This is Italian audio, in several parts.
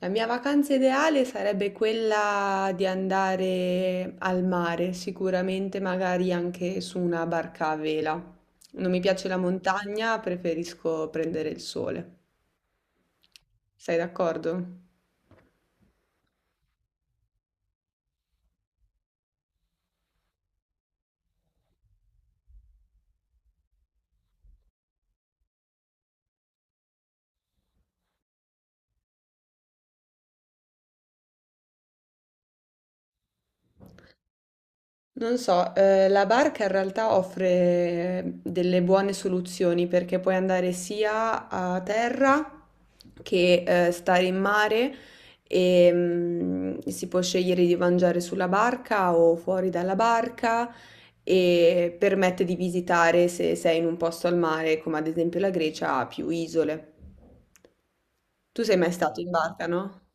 La mia vacanza ideale sarebbe quella di andare al mare, sicuramente magari anche su una barca a vela. Non mi piace la montagna, preferisco prendere il sole. Sei d'accordo? Non so, la barca in realtà offre delle buone soluzioni perché puoi andare sia a terra che stare in mare e si può scegliere di mangiare sulla barca o fuori dalla barca e permette di visitare, se sei in un posto al mare, come ad esempio la Grecia, più isole. Tu sei mai stato in barca, no?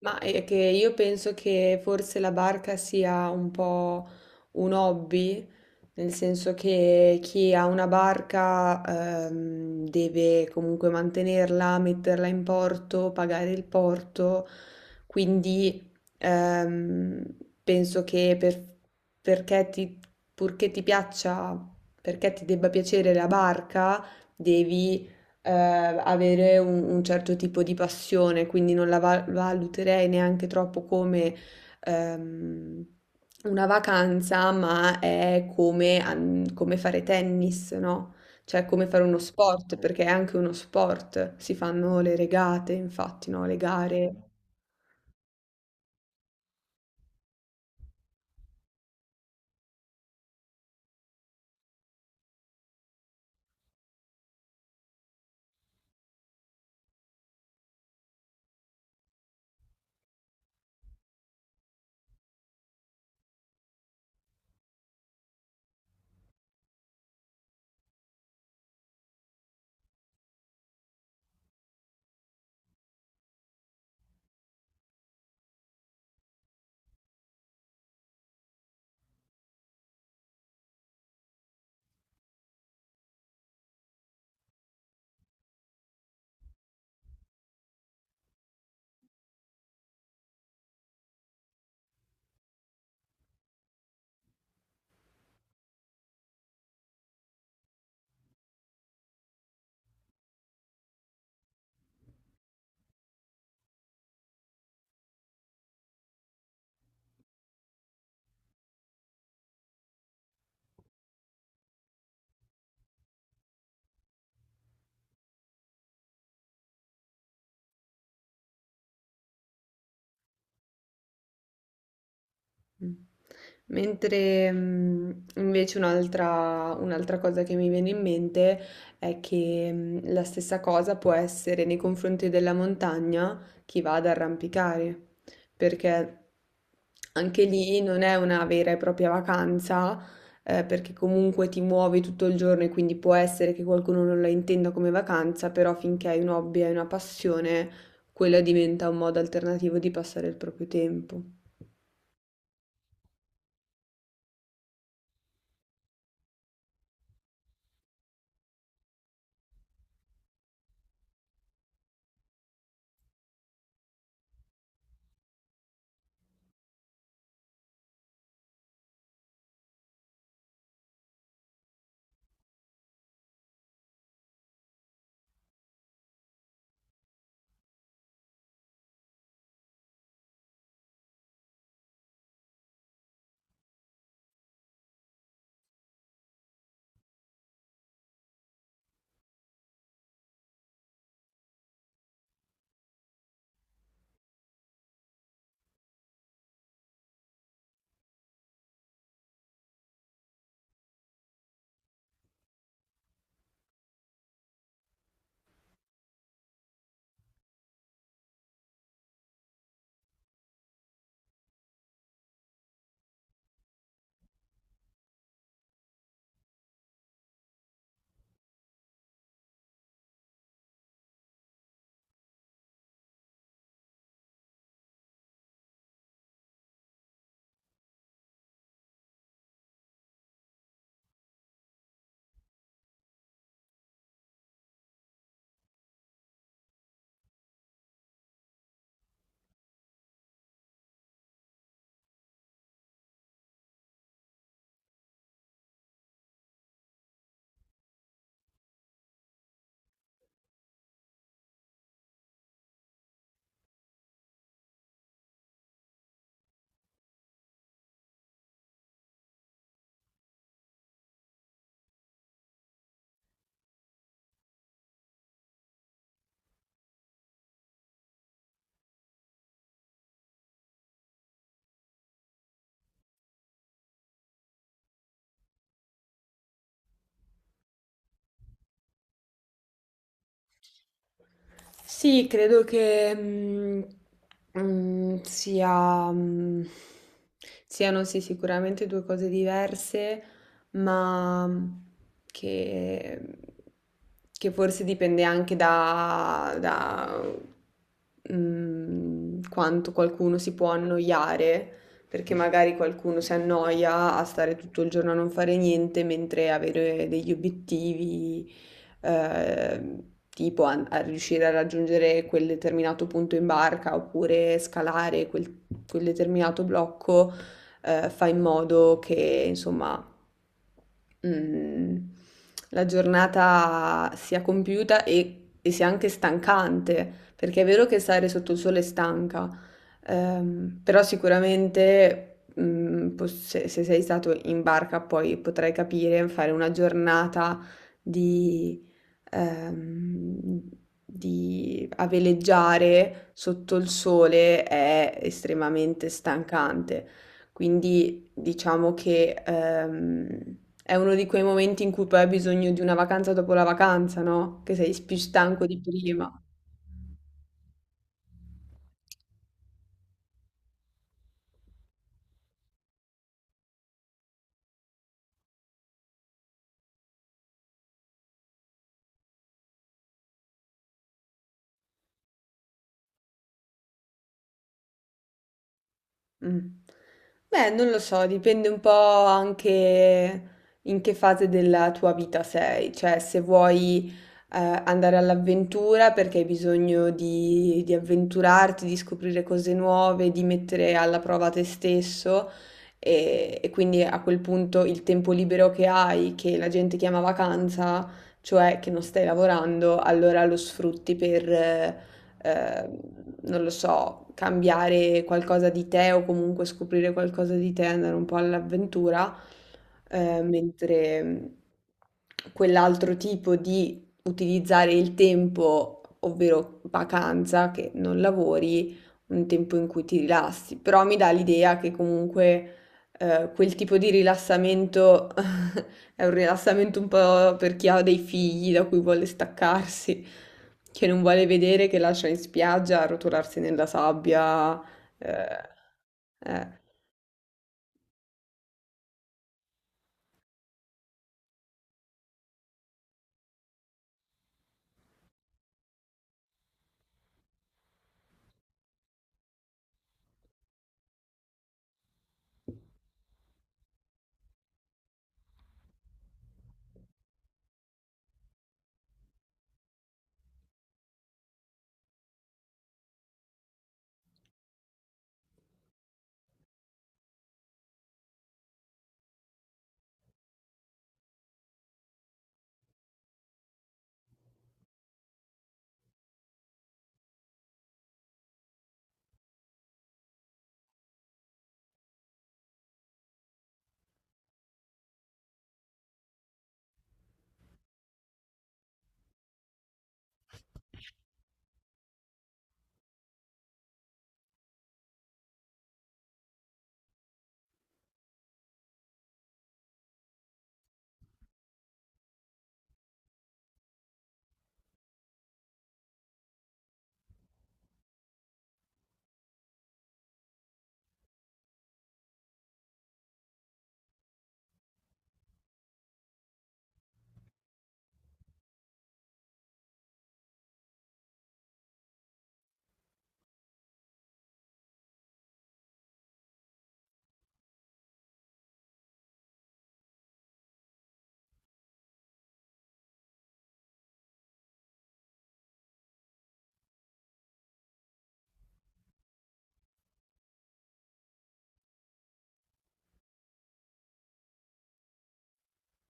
Ma è che io penso che forse la barca sia un po' un hobby, nel senso che chi ha una barca deve comunque mantenerla, metterla in porto, pagare il porto, quindi ehm, penso che per- perché ti, purché ti piaccia, perché ti debba piacere la barca, devi avere un certo tipo di passione, quindi non la valuterei neanche troppo come ehm, una vacanza, ma è come, come fare tennis, no? Cioè come fare uno sport, perché è anche uno sport, si fanno le regate, infatti, no? Le gare. Mm. Mentre invece un'altra cosa che mi viene in mente è che la stessa cosa può essere nei confronti della montagna. Chi va ad arrampicare, perché anche lì non è una vera e propria vacanza, perché comunque ti muovi tutto il giorno e quindi può essere che qualcuno non la intenda come vacanza, però finché hai un hobby e una passione, quella diventa un modo alternativo di passare il proprio tempo. Sì, credo che sia, siano, sì, sicuramente due cose diverse, ma che, che forse dipende anche da, da, mm, quanto qualcuno si può annoiare, perché magari qualcuno si annoia a stare tutto il giorno a non fare niente, mentre avere degli obiettivi, eh, tipo a riuscire a raggiungere quel determinato punto in barca oppure scalare quel, quel determinato blocco, fa in modo che, insomma, mhmm, la giornata sia compiuta e sia anche stancante, perché è vero che stare sotto il sole è stanca, però sicuramente, mhmm, pos se sei stato in barca poi potrai capire, fare una giornata di ehm, di a veleggiare sotto il sole è estremamente stancante. Quindi diciamo che, è uno di quei momenti in cui poi hai bisogno di una vacanza dopo la vacanza, no? Che sei più stanco di prima. Mh. Beh, non lo so, dipende un po' anche in che fase della tua vita sei, cioè se vuoi, andare all'avventura perché hai bisogno di avventurarti, di scoprire cose nuove, di mettere alla prova te stesso, e quindi a quel punto il tempo libero che hai, che la gente chiama vacanza, cioè che non stai lavorando, allora lo sfrutti per ehm, non lo so, cambiare qualcosa di te o comunque scoprire qualcosa di te, andare un po' all'avventura, mentre quell'altro tipo di utilizzare il tempo, ovvero vacanza, che non lavori, un tempo in cui ti rilassi, però mi dà l'idea che comunque, quel tipo di rilassamento è un rilassamento un po' per chi ha dei figli da cui vuole staccarsi, che non vuole vedere, che lascia in spiaggia arrotolarsi nella sabbia. eh, eh,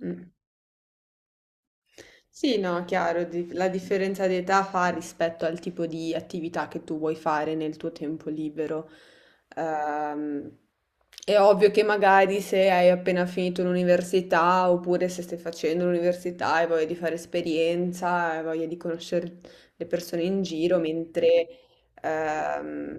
mm. Sì, no, chiaro, la differenza di età fa rispetto al tipo di attività che tu vuoi fare nel tuo tempo libero. Ehm, è ovvio che magari se hai appena finito l'università oppure se stai facendo l'università e voglia di fare esperienza, hai voglia di conoscere le persone in giro, mentre ehm,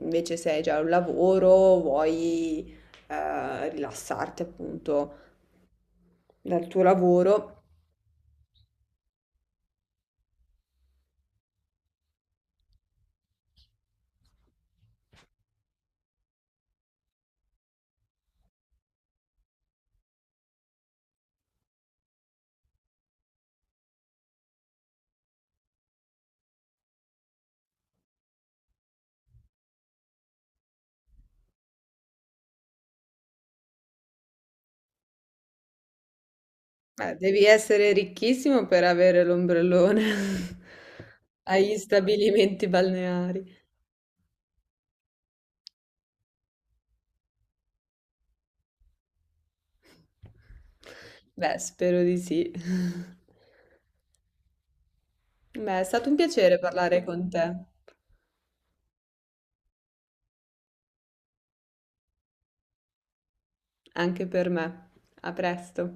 invece se hai già un lavoro, vuoi rilassarti, appunto, dal tuo lavoro. Devi essere ricchissimo per avere l'ombrellone agli stabilimenti balneari. Beh, spero di sì. Beh, è stato un piacere parlare con te, anche per me. A presto.